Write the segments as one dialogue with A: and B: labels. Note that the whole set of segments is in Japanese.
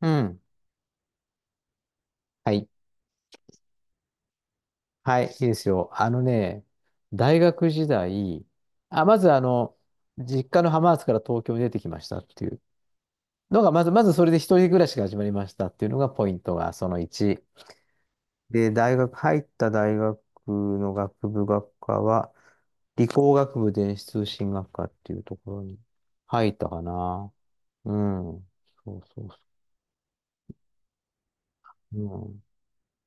A: うん。はい。はい、いいですよ。あのね、大学時代、まず、実家の浜松から東京に出てきましたっていうのが、まずそれで一人暮らしが始まりましたっていうのがポイントが、その1。で、入った大学の学部学科は、理工学部電子通信学科っていうところに入ったかな。うん。そうそうそう。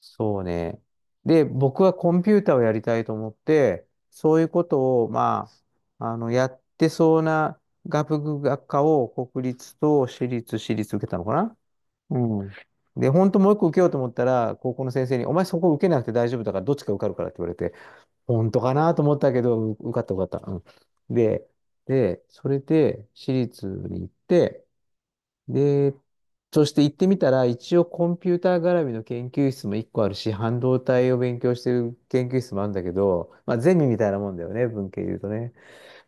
A: そうね。で、僕はコンピューターをやりたいと思って、そういうことを、まあ、やってそうな学部学科を国立と私立受けたのかな。うん。で、本当もう一個受けようと思ったら、高校の先生に、お前そこ受けなくて大丈夫だから、どっちか受かるからって言われて、本当かなと思ったけど、受かった受かった。うん。で、それで私立に行って、で、そして行ってみたら、一応コンピューター絡みの研究室も一個あるし、半導体を勉強してる研究室もあるんだけど、まあゼミみたいなもんだよね、文系で言うとね。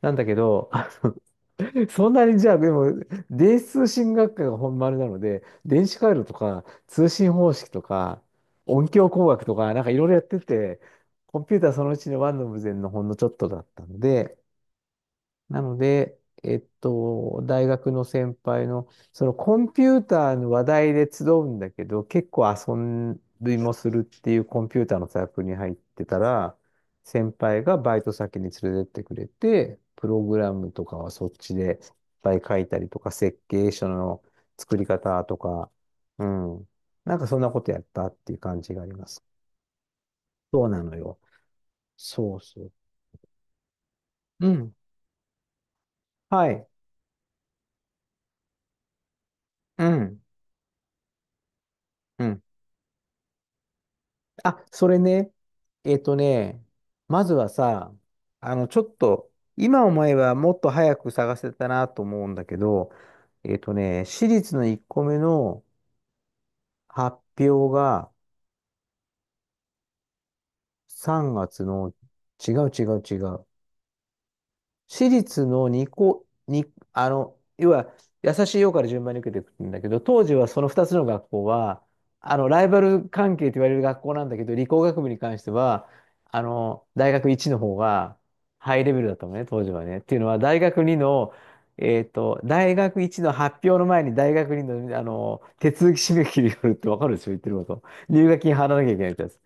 A: なんだけど、そんなにじゃあ、でも、電子通信学科が本丸なので、電子回路とか、通信方式とか、音響工学とか、なんかいろいろやってて、コンピューターそのうちのワンの無前のほんのちょっとだったので、なので、大学の先輩の、そのコンピューターの話題で集うんだけど、結構遊びもするっていうコンピューターのサークルに入ってたら、先輩がバイト先に連れてってくれて、プログラムとかはそっちでいっぱい書いたりとか、設計書の作り方とか、うん。なんかそんなことやったっていう感じがあります。そうなのよ。そうそう。うん。はい。うん。うん。あ、それね、えっとね、まずはさ、ちょっと、今思えばもっと早く探せたなと思うんだけど、私立の1個目の発表が3月の、違う違う違う。私立の2校に、要は、優しいよから順番に受けていくんだけど、当時はその2つの学校は、ライバル関係と言われる学校なんだけど、理工学部に関しては、大学1の方がハイレベルだったのね、当時はね。っていうのは、大学2の、大学1の発表の前に大学2の、手続き締め切りがあるってわかるでしょ、言ってること。入学金払わなきゃいけないってやつ。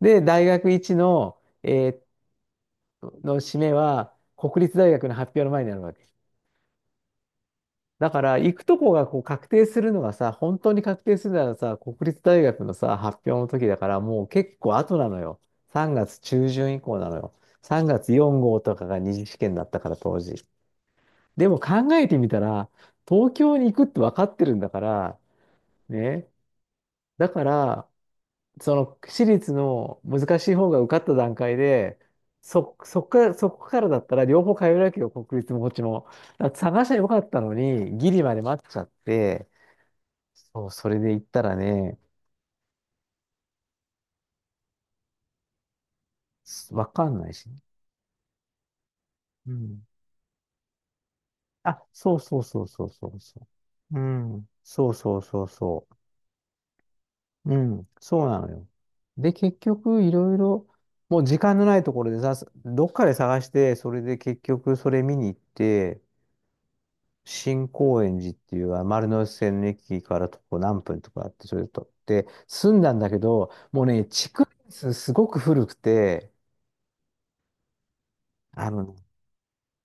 A: で、大学1の、えーっの締めは国立大学の発表の前になるわけ。だから行くとこがこう確定するのがさ、本当に確定するならさ、国立大学のさ、発表の時だからもう結構後なのよ。3月中旬以降なのよ。3月4号とかが二次試験だったから当時。でも考えてみたら、東京に行くって分かってるんだから、ね。だから、その私立の難しい方が受かった段階で、そこからだったら両方通えるわけよ、国立もこっちも。だから探しゃよかったのに、ギリまで待っちゃって、そう、それで行ったらね、わかんないし。うん。あ、そうそうそうそうそうそう。うん。そうそうそうそう。うん。そうなのよ。で、結局、いろいろ、もう時間のないところでさ、どっかで探して、それで結局それ見に行って、新高円寺っていう丸ノ内線の駅から徒歩何分とかあって、それで取って、住んだんだけど、もうね、築年数すごく古くて、あの、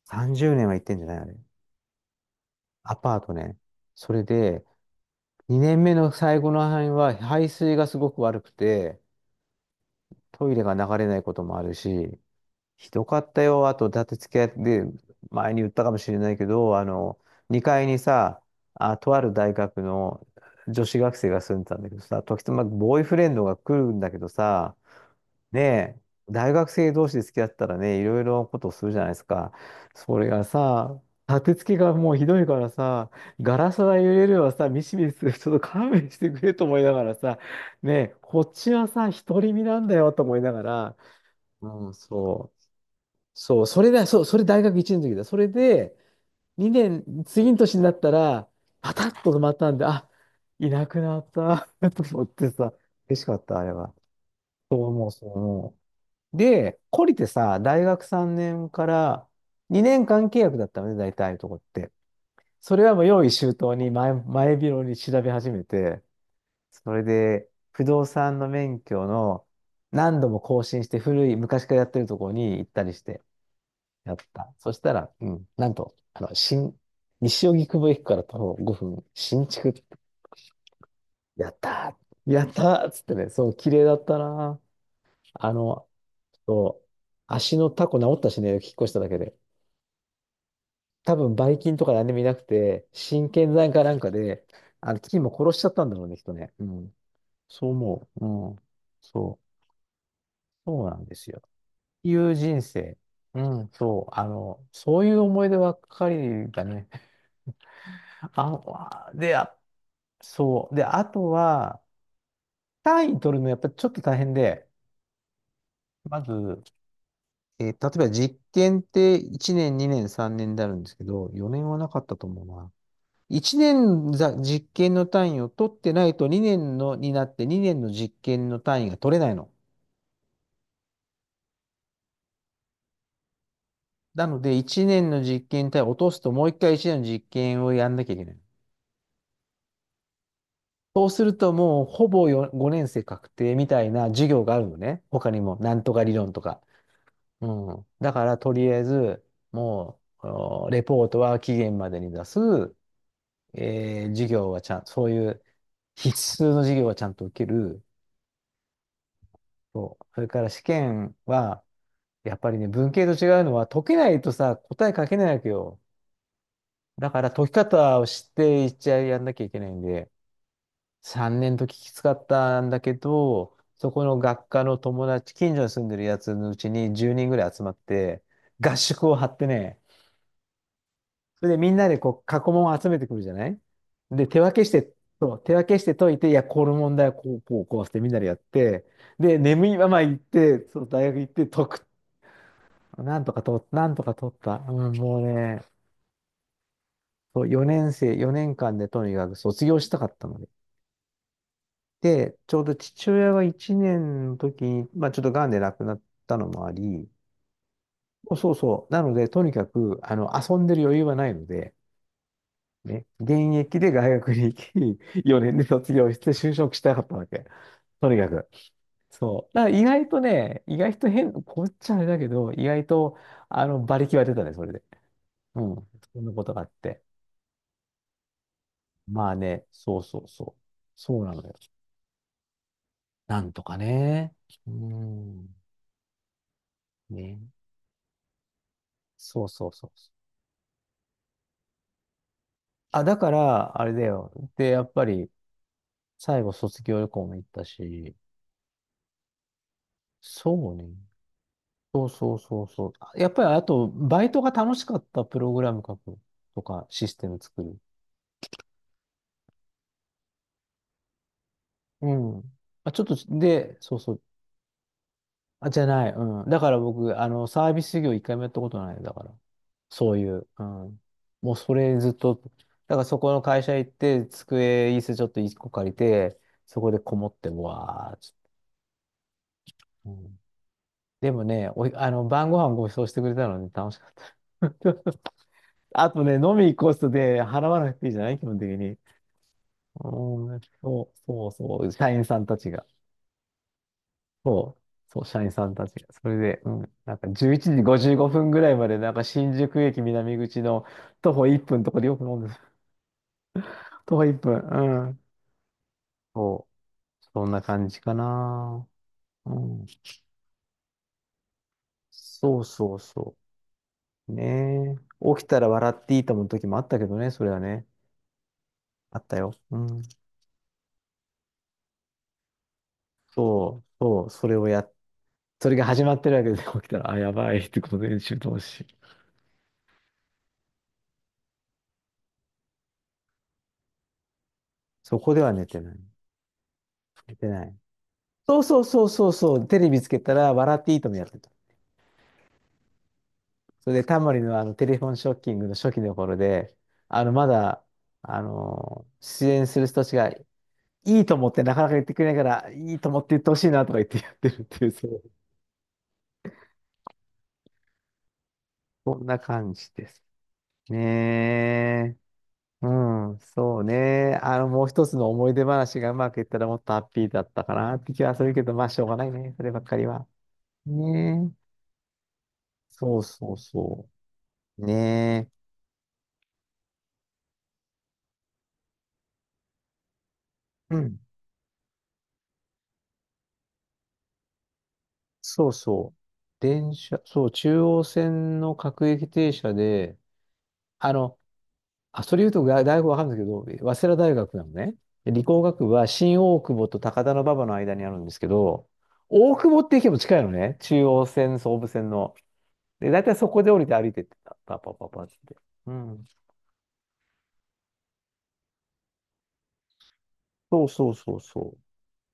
A: 30年は行ってんじゃないあれ。アパートね。それで、2年目の最後の範囲は排水がすごく悪くて、トイレが流れないこともあるし、ひどかったよ。あと、だって付き合って、前に言ったかもしれないけど、2階にさ、あ、とある大学の女子学生が住んでたんだけどさ、時たまボーイフレンドが来るんだけどさ、ねえ、大学生同士で付き合ったらね、いろいろなことをするじゃないですか。それがさ、立て付けがもうひどいからさ、ガラスが揺れるわさ、ミシミシする、ちょっと勘弁してくれと思いながらさ、ねえ、こっちはさ、独り身なんだよと思いながら、うん、そう。そう、それだ、そう、それ大学1年の時だ。それで、2年、次の年になったら、パタッと止まったんで、あ、いなくなった と思ってさ、嬉しかった、あれは。そう思う、そう思う。で、懲りてさ、大学3年から2年間契約だったのね、大体のとこって。それはもう用意周到に前広に調べ始めて、それで、不動産の免許の何度も更新して古い昔からやってるとこに行ったりして、やった。そしたら、うん、なんと、西荻窪駅から徒歩5分、新築。やったーやったーっつってね、そう、綺麗だったなー。あの、そう、足のタコ治ったしね、引っ越しただけで。多分、ばい菌とか何でもいなくて、神経剤かなんかで、菌も殺しちゃったんだろうね、人ね。うん。そう思う。うん。そう。そうなんですよ。いう人生。うん、そう。そういう思い出ばっかりだね。あ、わで、あそう。で、あとは、単位取るのやっぱちょっと大変で、まず、例えば実験って1年、2年、3年であるんですけど、4年はなかったと思うな。1年実験の単位を取ってないと2年のになって2年の実験の単位が取れないの。なので1年の実験単位を落とすともう1回1年の実験をやんなきゃいけない。そうするともうほぼ5年生確定みたいな授業があるのね。他にもなんとか理論とか。うん。だから、とりあえず、もう、レポートは期限までに出す。えー授業はちゃん、そういう必須の授業はちゃんと受ける。そう。それから試験は、やっぱりね、文系と違うのは、解けないとさ、答え書けないわけよ。だから、解き方を知って一応やんなきゃいけないんで、3年ときつかったんだけど、そこの学科の友達、近所に住んでるやつのうちに10人ぐらい集まって、合宿を張ってね、それでみんなでこう、過去問を集めてくるじゃない。で、手分けして、そう、手分けして解いて、いや、この問題はこう、こう、こうしてみんなでやって、で、眠いまま行って、そう、大学行って解く。なんとか取った。うん、もうね、そう、4年生、4年間でとにかく卒業したかったので。で、ちょうど父親が1年の時に、まあちょっと癌で亡くなったのもあり、そうそうそう。なので、とにかく、遊んでる余裕はないので、ね、現役で大学に行き、4年で卒業して就職したかったわけ。とにかく。そう。だから意外とね、意外と変、こっちゃあれだけど、意外と、馬力は出たね、それで。うん。そんなことがあって。まあね、そうそうそう。そうなのよ。なんとかね。うん。ね。そうそうそうそう。あ、だから、あれだよ。で、やっぱり、最後卒業旅行も行ったし、そうね。そうそうそうそう。あやっぱりあと、バイトが楽しかったプログラム書くとか、システム作る。うん。あ、ちょっと、で、そうそう。あ、じゃない。うん。だから僕、サービス業一回もやったことない。だから、そういう。うん。もうそれずっと、だからそこの会社行って、机、椅子ちょっと一個借りて、そこでこもって、うわーちょっとうん。でもね、おい、晩ご飯ご馳走してくれたので楽しかった。あとね、飲み行こうとで払わなくていいじゃない基本的に。うん、そう、そうそう、社員さんたちが。そう、そう、社員さんたちが。それで、うん、なんか11時55分ぐらいまで、なんか新宿駅南口の徒歩1分のとこでよく飲んでた。徒歩1分、うん。そう、そんな感じかな。うん。そうそうそう。ねえ。起きたら笑っていいと思う時もあったけどね、それはね。あったよ。うん。そう、そう、それをやっ、それが始まってるわけで、起きたら、あ、やばいってことで、集中し。そこでは寝てない。寝てない。そうそうそうそうそう、テレビつけたら、笑っていいともやってた。それで、タモリのテレフォンショッキングの初期の頃で、あの、まだ、あの出演する人たちが、いいと思ってなかなか言ってくれないから、いいと思って言ってほしいなとか言ってやってるっていう、そう、そんな感じです。ねえ。うん、そうね。もう一つの思い出話がうまくいったらもっとハッピーだったかなって気はするけど、まあ、しょうがないね。そればっかりは。ねえ。そうそうそう。ねえ。うんそうそう。電車、そう、中央線の各駅停車で、あの、それ言うとが大学わかんないけど、早稲田大学なのね。で理工学部は新大久保と高田馬場の間にあるんですけど、大久保って駅も近いのね。中央線、総武線の。で、大体そこで降りて歩いてってた。パパパパって。うん。そうそうそうそう。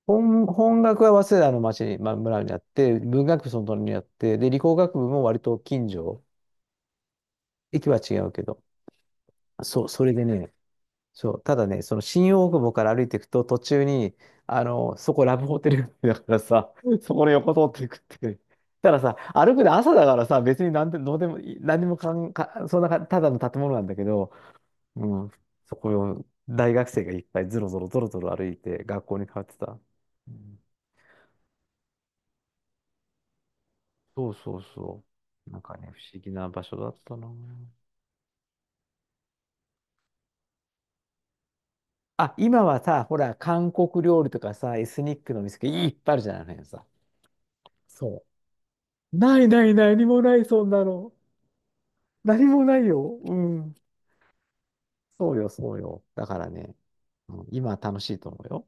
A: 本学は早稲田の町に、まあ、村にあって、文学部その隣にあって、で、理工学部も割と近所。駅は違うけど。そう、それでね、そう、ただね、その新大久保から歩いていくと、途中に、そこラブホテルだからさ、そこの横通っていくっていう。たださ、歩くで朝だからさ、別になんで、どうでもいい、何にもかん、か、そんなか、ただの建物なんだけど、うん、そこを大学生がいっぱいゾロゾロゾロゾロ歩いて学校に通ってた。うんそうそうそう。なんかね、不思議な場所だったな。あ、今はさ、ほら、韓国料理とかさ、エスニックの店がいっぱいあるじゃないのよさ。そうないない何もないそんなの。何もないよ。うん。そうよ、そうよ。だからね、うん今楽しいと思うよ。